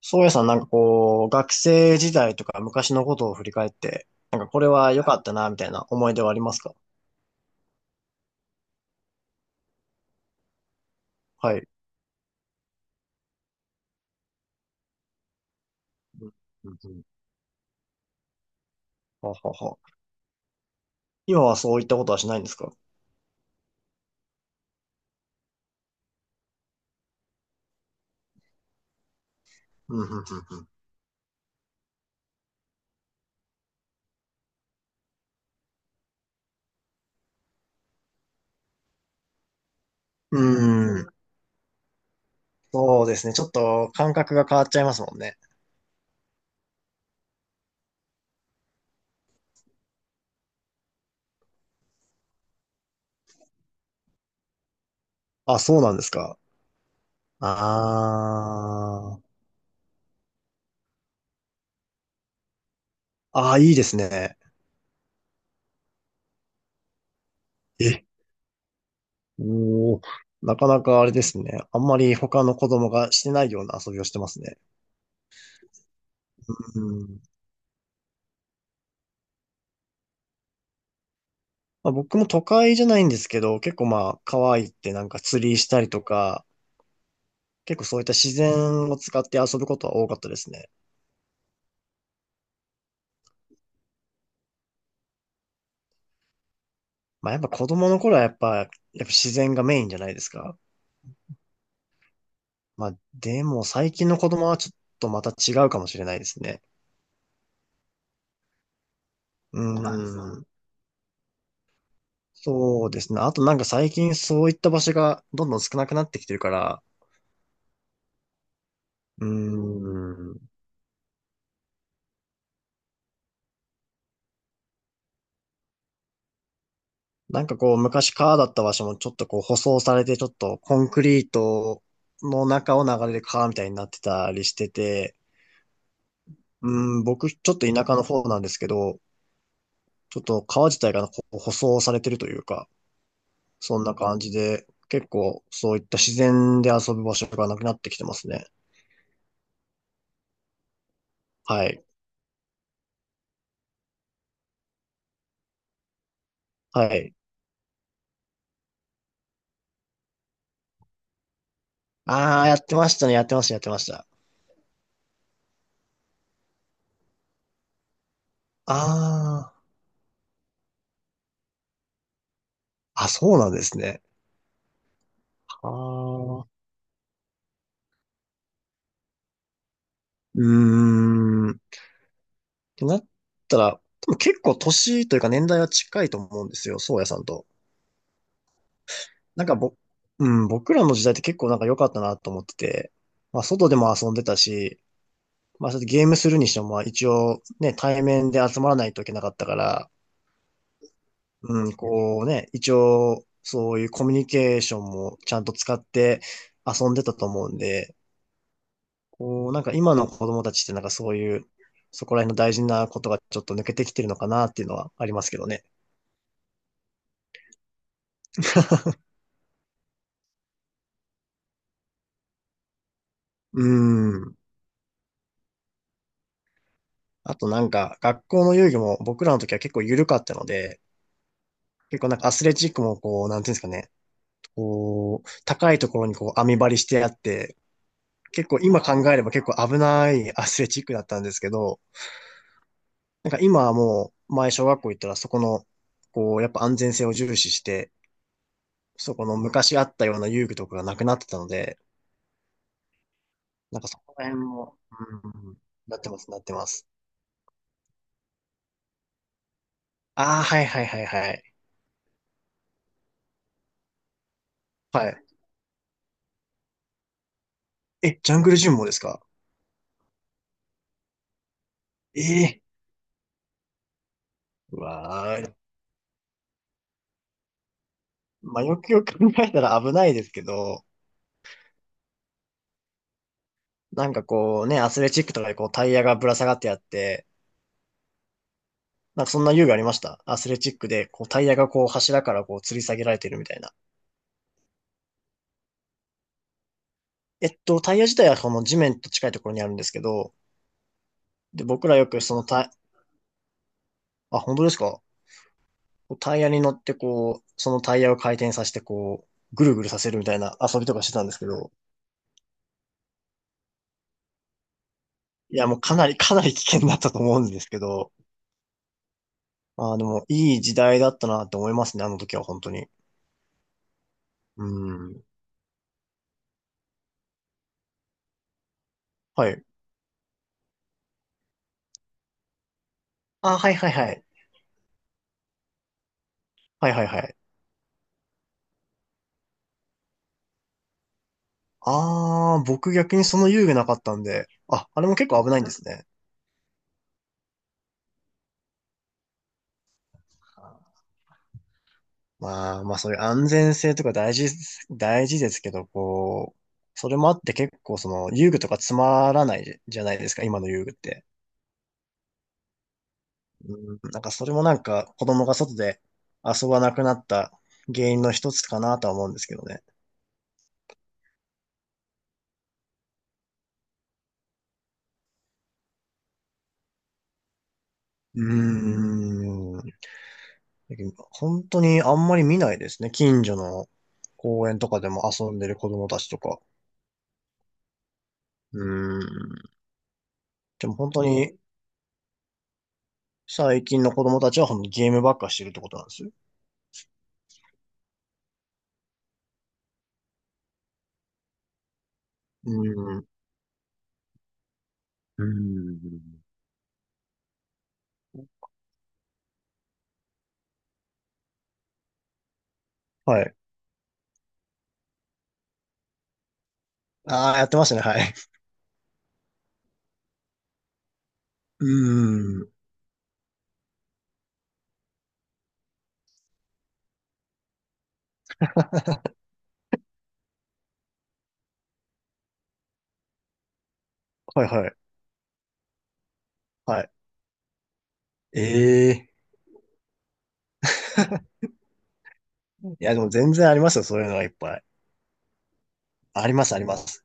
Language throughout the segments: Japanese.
宗谷さん、学生時代とか昔のことを振り返って、なんかこれは良かったな、みたいな思い出はありますか？はい。うんうん。うん。ははは。今はそういったことはしないんですか？うん、うん、うんうん。うん。そうですね。ちょっと感覚が変わっちゃいますもんね。あ、そうなんですか。あー。あー、いいですね。え、おー。なかなかあれですね。あんまり他の子供がしてないような遊びをしてますね。まあ、僕も都会じゃないんですけど、結構まあ、川行ってなんか釣りしたりとか、結構そういった自然を使って遊ぶことは多かったですね。まあやっぱ子供の頃はやっぱ、やっぱ自然がメインじゃないですか。まあでも最近の子供はちょっとまた違うかもしれないですね。そうなんですね、うーん。そうですね。あとなんか最近そういった場所がどんどん少なくなってきてるから、うーん。なんかこう、昔川だった場所もちょっとこう、舗装されて、ちょっとコンクリートの中を流れる川みたいになってたりしてて、うん、僕、ちょっと田舎の方なんですけど、ちょっと川自体がこう舗装されてるというか、そんな感じで、結構そういった自然で遊ぶ場所がなくなってきてますね。はい。はい。ああ、やってましたね。やってました、やってました。ああ、あ、そうなんですね。ああ、うーん。てなったら、多分結構年というか年代は近いと思うんですよ、宗谷さんと。なんかぼ、うん、僕らの時代って結構なんか良かったなと思ってて、まあ外でも遊んでたし、まあそれでゲームするにしてもまあ一応ね、対面で集まらないといけなかったから、うん、こうね、一応そういうコミュニケーションもちゃんと使って遊んでたと思うんで、こうなんか今の子供たちってなんかそういう、そこら辺の大事なことがちょっと抜けてきてるのかなっていうのはありますけどね。うーん。あとなんか、学校の遊戯も僕らの時は結構緩かったので、結構なんかアスレチックもこう、なんていうんですかね、こう、高いところにこう網張りしてあって、結構今考えれば結構危ないアスレチックだったんですけど、なんか今はもう、前小学校行ったらそこの、こう、やっぱ安全性を重視して、そこの昔あったような遊具とかがなくなってたので、なんかそこら辺も、うん、なってます、なってます。ああ、はいはいはいはい。はい。え、ジャングルジムもですか？ええ、うわあ、まあ、よくよく考えたら危ないですけど、なんかこうね、アスレチックとかでこうタイヤがぶら下がってあって、なんかそんな遊具ありました、アスレチックでこうタイヤがこう柱からこう吊り下げられてるみたいな。えっと、タイヤ自体はこの地面と近いところにあるんですけど、で、僕らよくそのタイ、あ、本当ですか？こうタイヤに乗ってこう、そのタイヤを回転させてこう、ぐるぐるさせるみたいな遊びとかしてたんですけど、いやもうかなりかなり危険だったと思うんですけど、ああ、でもいい時代だったなって思いますね、あの時は本当に。うん。はい。あ、はいはいはい。はいはいはい。あー、僕逆にその遊具なかったんで、あ、あれも結構危ないんですね。まあ、まあそういう安全性とか大事、大事ですけど、こう、それもあって結構その遊具とかつまらないじゃないですか、今の遊具って。うん、なんかそれもなんか子供が外で遊ばなくなった原因の一つかなとは思うんですけどね。うーん。だけど本当にあんまり見ないですね。近所の公園とかでも遊んでる子供たちとか。うーん。でも本当に最近の子供たちは本当にゲームばっかしてるってことなんですよ。うーん。うーん。はい。ああ、やってましたね。はい。うーん。はいはい。はい。ええ。 いや、でも全然ありますよ。そういうのがいっぱい。あります、あります。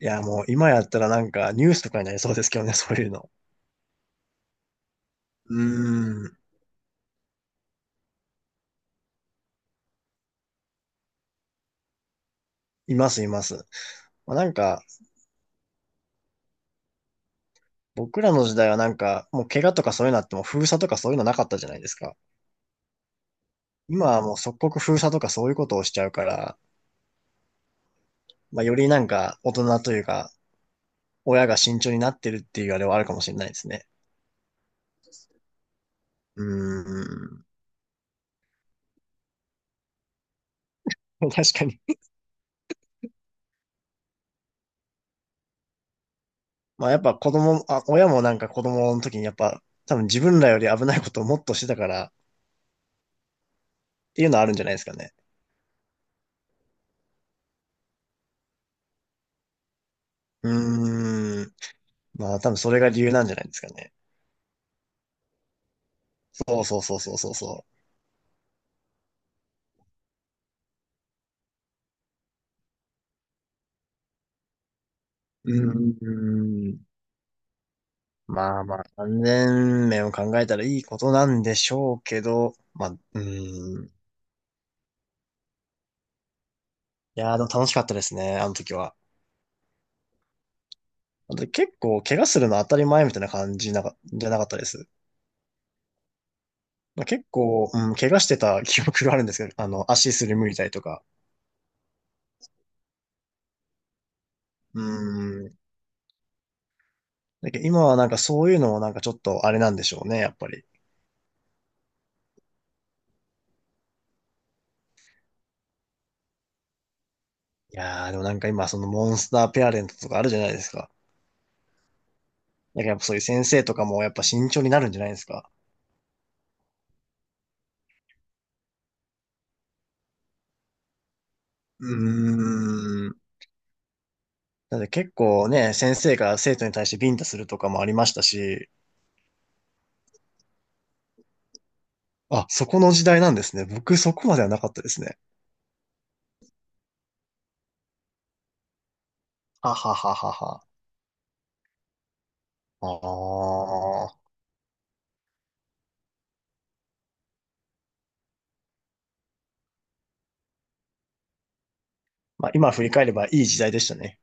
いや、もう今やったらなんかニュースとかになりそうですけどね、そういうの。うーん。います、います。まあ、なんか、僕らの時代はなんか、もう怪我とかそういうのあっても封鎖とかそういうのなかったじゃないですか。今はもう即刻封鎖とかそういうことをしちゃうから、まあ、よりなんか大人というか、親が慎重になってるっていうあれはあるかもしれないですね。うーん。確かに。まあやっぱ子供、あ、親もなんか子供の時にやっぱ多分自分らより危ないことをもっとしてたからっていうのはあるんじゃないですかね。うーん。まあ多分それが理由なんじゃないですかね。そうそうそうそうそうそう。うーん。まあまあ、安全面を考えたらいいことなんでしょうけど、まあ、うーん。いやー、でも楽しかったですね、あの時は。あと結構、怪我するの当たり前みたいな感じなか、じゃなかったです。まあ、結構、うん、怪我してた記憶があるんですけど、あの、足すりむいたりとか。うーん。だけど今はなんかそういうのもなんかちょっとあれなんでしょうね、やっぱり。いやー、でもなんか今、そのモンスターペアレントとかあるじゃないですか。なんかやっぱそういう先生とかもやっぱ慎重になるんじゃないですか。うーん。なんで結構ね、先生が生徒に対してビンタするとかもありましたし、あ、そこの時代なんですね。僕そこまではなかったですね。ははははは。ああ。まあ今振り返ればいい時代でしたね。